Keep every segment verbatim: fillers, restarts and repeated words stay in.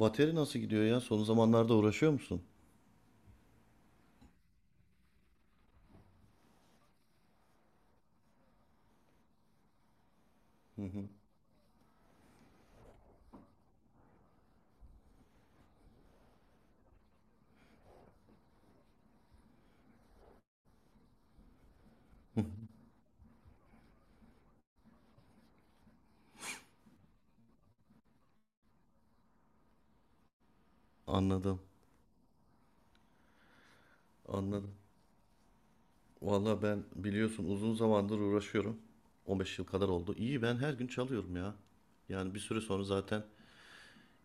Bateri nasıl gidiyor ya? Son zamanlarda uğraşıyor musun? Hı hı. Anladım. Anladım. Valla ben biliyorsun uzun zamandır uğraşıyorum. on beş yıl kadar oldu. İyi ben her gün çalıyorum ya. Yani bir süre sonra zaten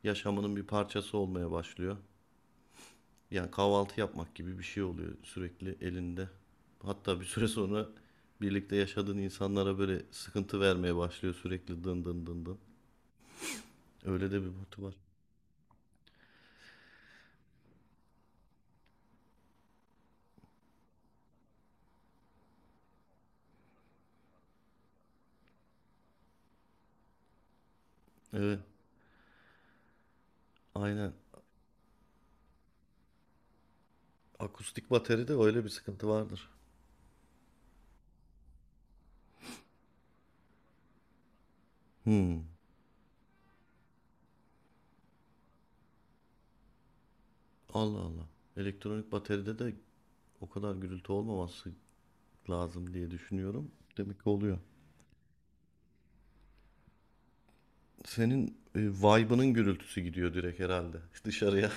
yaşamının bir parçası olmaya başlıyor. Yani kahvaltı yapmak gibi bir şey oluyor sürekli elinde. Hatta bir süre sonra birlikte yaşadığın insanlara böyle sıkıntı vermeye başlıyor sürekli dın dın dın dın. Öyle de bir botu var. Evet, aynen. Akustik bateride öyle bir sıkıntı vardır. Hmm. Allah Allah. Elektronik bateride de o kadar gürültü olmaması lazım diye düşünüyorum. Demek ki oluyor. Senin e, vibe'ının gürültüsü gidiyor direkt herhalde dışarıya.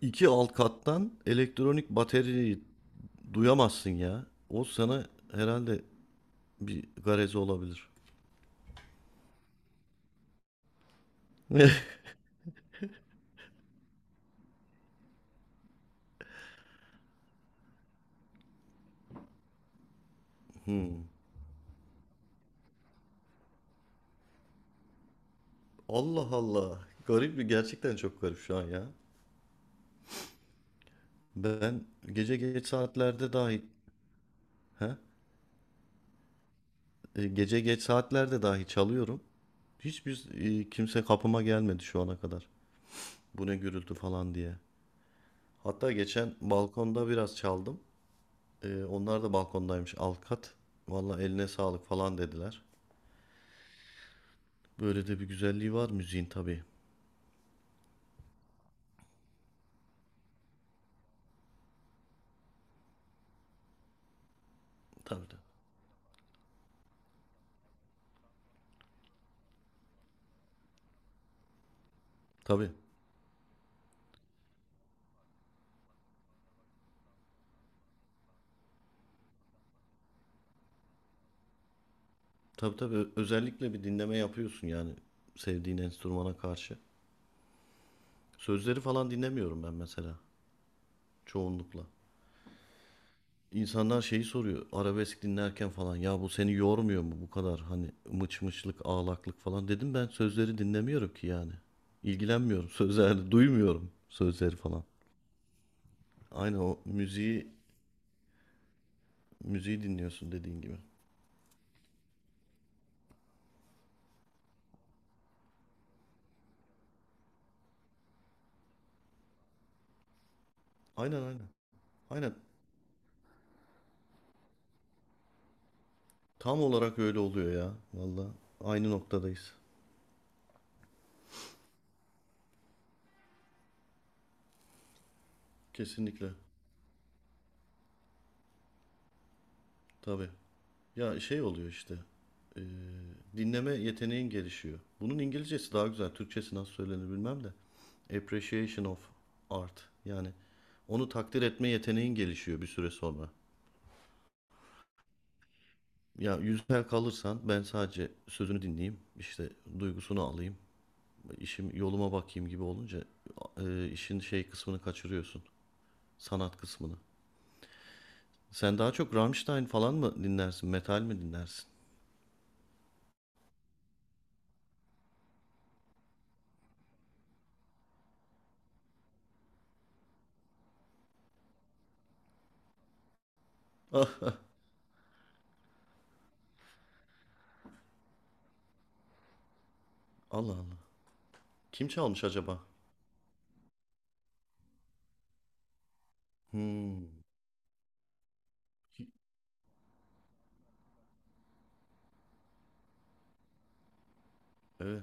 İki alt kattan elektronik bataryayı duyamazsın ya. O sana herhalde bir garezi olabilir. Hmm. Allah Allah. Garip bir gerçekten çok garip şu an ya. Ben gece geç saatlerde dahi. He? E, Gece geç saatlerde dahi çalıyorum. Hiçbir e, kimse kapıma gelmedi şu ana kadar. Bu ne gürültü falan diye. Hatta geçen balkonda biraz çaldım. E, onlar da balkondaymış alt kat. Valla eline sağlık falan dediler. Böyle de bir güzelliği var müziğin tabii. Tabii tabii. Tabii tabii. tabii. Ö- Özellikle bir dinleme yapıyorsun yani sevdiğin enstrümana karşı. Sözleri falan dinlemiyorum ben mesela çoğunlukla. İnsanlar şeyi soruyor arabesk dinlerken falan ya bu seni yormuyor mu bu kadar hani mıç mıçlık ağlaklık falan dedim ben sözleri dinlemiyorum ki yani ilgilenmiyorum sözlerle duymuyorum sözleri falan. Aynen o müziği müziği dinliyorsun dediğin gibi. Aynen aynen. Aynen tam olarak öyle oluyor ya valla aynı noktadayız. Kesinlikle tabii. Ya şey oluyor işte e, dinleme yeteneğin gelişiyor. Bunun İngilizcesi daha güzel. Türkçesi nasıl söylenir bilmem de. Appreciation of art. Yani onu takdir etme yeteneğin gelişiyor bir süre sonra. Ya yüzler kalırsan ben sadece sözünü dinleyeyim, işte duygusunu alayım, işim yoluma bakayım gibi olunca e, işin şey kısmını kaçırıyorsun. Sanat kısmını. Sen daha çok Rammstein falan mı dinlersin, metal mi dinlersin? Allah Allah. Kim çalmış acaba? Hmm, evet.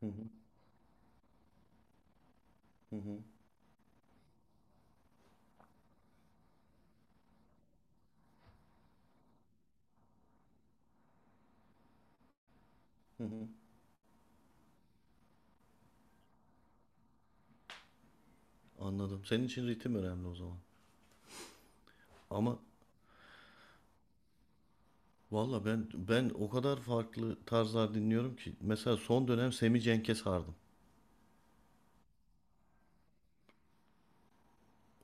Hı hı, hı hı. Hı hı. Anladım. Senin için ritim önemli o zaman. Ama valla ben ben o kadar farklı tarzlar dinliyorum ki. Mesela son dönem Semi Cenk'e sardım.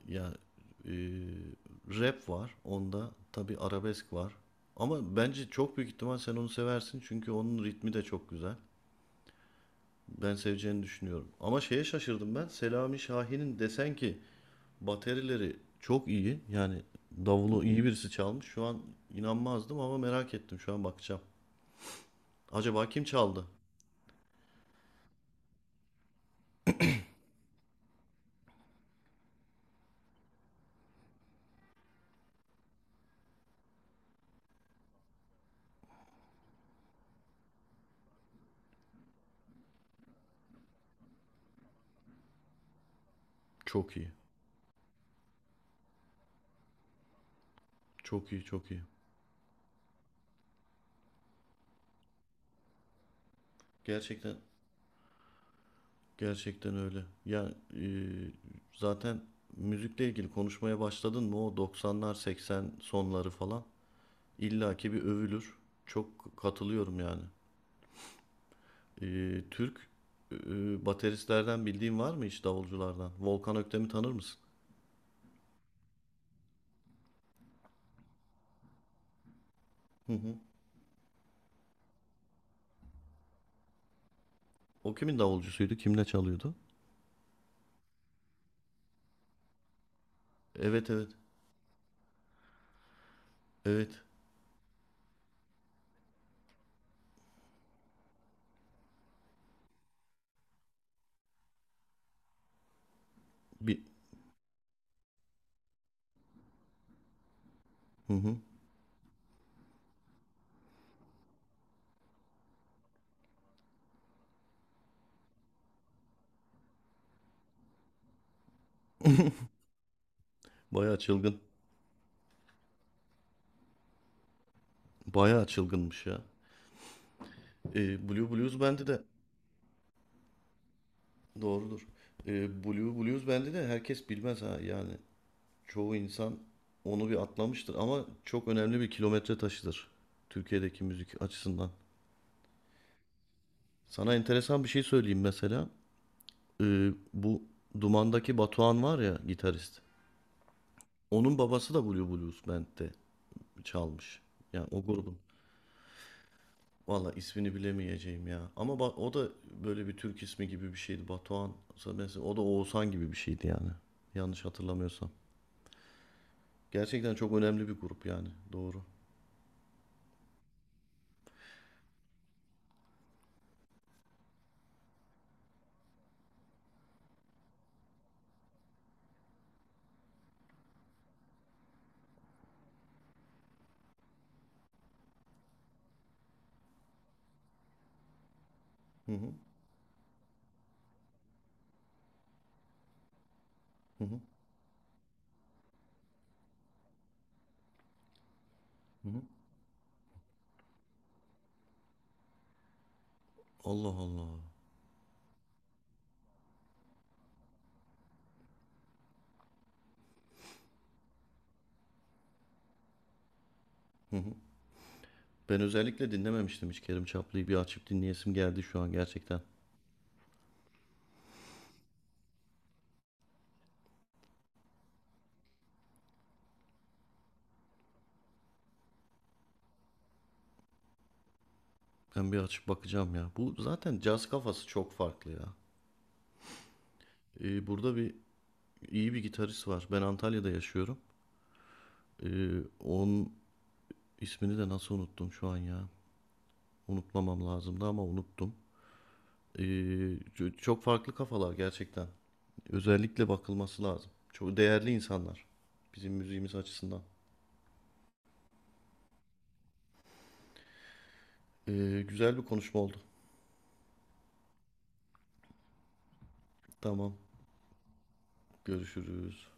Ya e, rap var onda. Tabii arabesk var. Ama bence çok büyük ihtimal sen onu seversin. Çünkü onun ritmi de çok güzel. Ben seveceğini düşünüyorum. Ama şeye şaşırdım ben. Selami Şahin'in desen ki baterileri çok iyi. Yani davulu iyi birisi çalmış. Şu an inanmazdım ama merak ettim. Şu an bakacağım. Acaba kim çaldı? Çok iyi. Çok iyi, çok iyi. Gerçekten gerçekten öyle. Ya e, zaten müzikle ilgili konuşmaya başladın mı o doksanlar seksen sonları falan illaki bir övülür. Çok katılıyorum yani. E, Türk e, bateristlerden bildiğin var mı hiç davulculardan? Volkan Öktem'i tanır mısın? Hı hı. O kimin davulcusuydu? Kimle çalıyordu? Evet evet. Evet. Bir hı hı. Bayağı çılgın. Bayağı çılgınmış ya. E, Blue Blues Band'i de doğrudur. Ee, Blue Blues bende de herkes bilmez ha yani. Çoğu insan onu bir atlamıştır ama çok önemli bir kilometre taşıdır Türkiye'deki müzik açısından. Sana enteresan bir şey söyleyeyim mesela. Ee, bu Duman'daki Batuhan var ya gitarist. Onun babası da Blue Blues Band'de çalmış. Yani o grubun. Valla ismini bilemeyeceğim ya. Ama ba- o da böyle bir Türk ismi gibi bir şeydi. Batuhan. Mesela o da Oğuzhan gibi bir şeydi yani. Yanlış hatırlamıyorsam. Gerçekten çok önemli bir grup yani. Doğru. Hı hı. Hı hı. Hı hı. Allah Allah. Ben özellikle dinlememiştim hiç Kerim Çaplı'yı. Bir açıp dinleyesim geldi şu an gerçekten. Ben bir açıp bakacağım ya. Bu zaten caz kafası çok farklı ya. Ee, burada bir iyi bir gitarist var. Ben Antalya'da yaşıyorum. Ee, onun ismini de nasıl unuttum şu an ya. Unutmamam lazımdı ama unuttum. Ee, ç- Çok farklı kafalar gerçekten. Özellikle bakılması lazım. Çok değerli insanlar. Bizim müziğimiz açısından. Ee, güzel bir konuşma oldu. Tamam. Görüşürüz.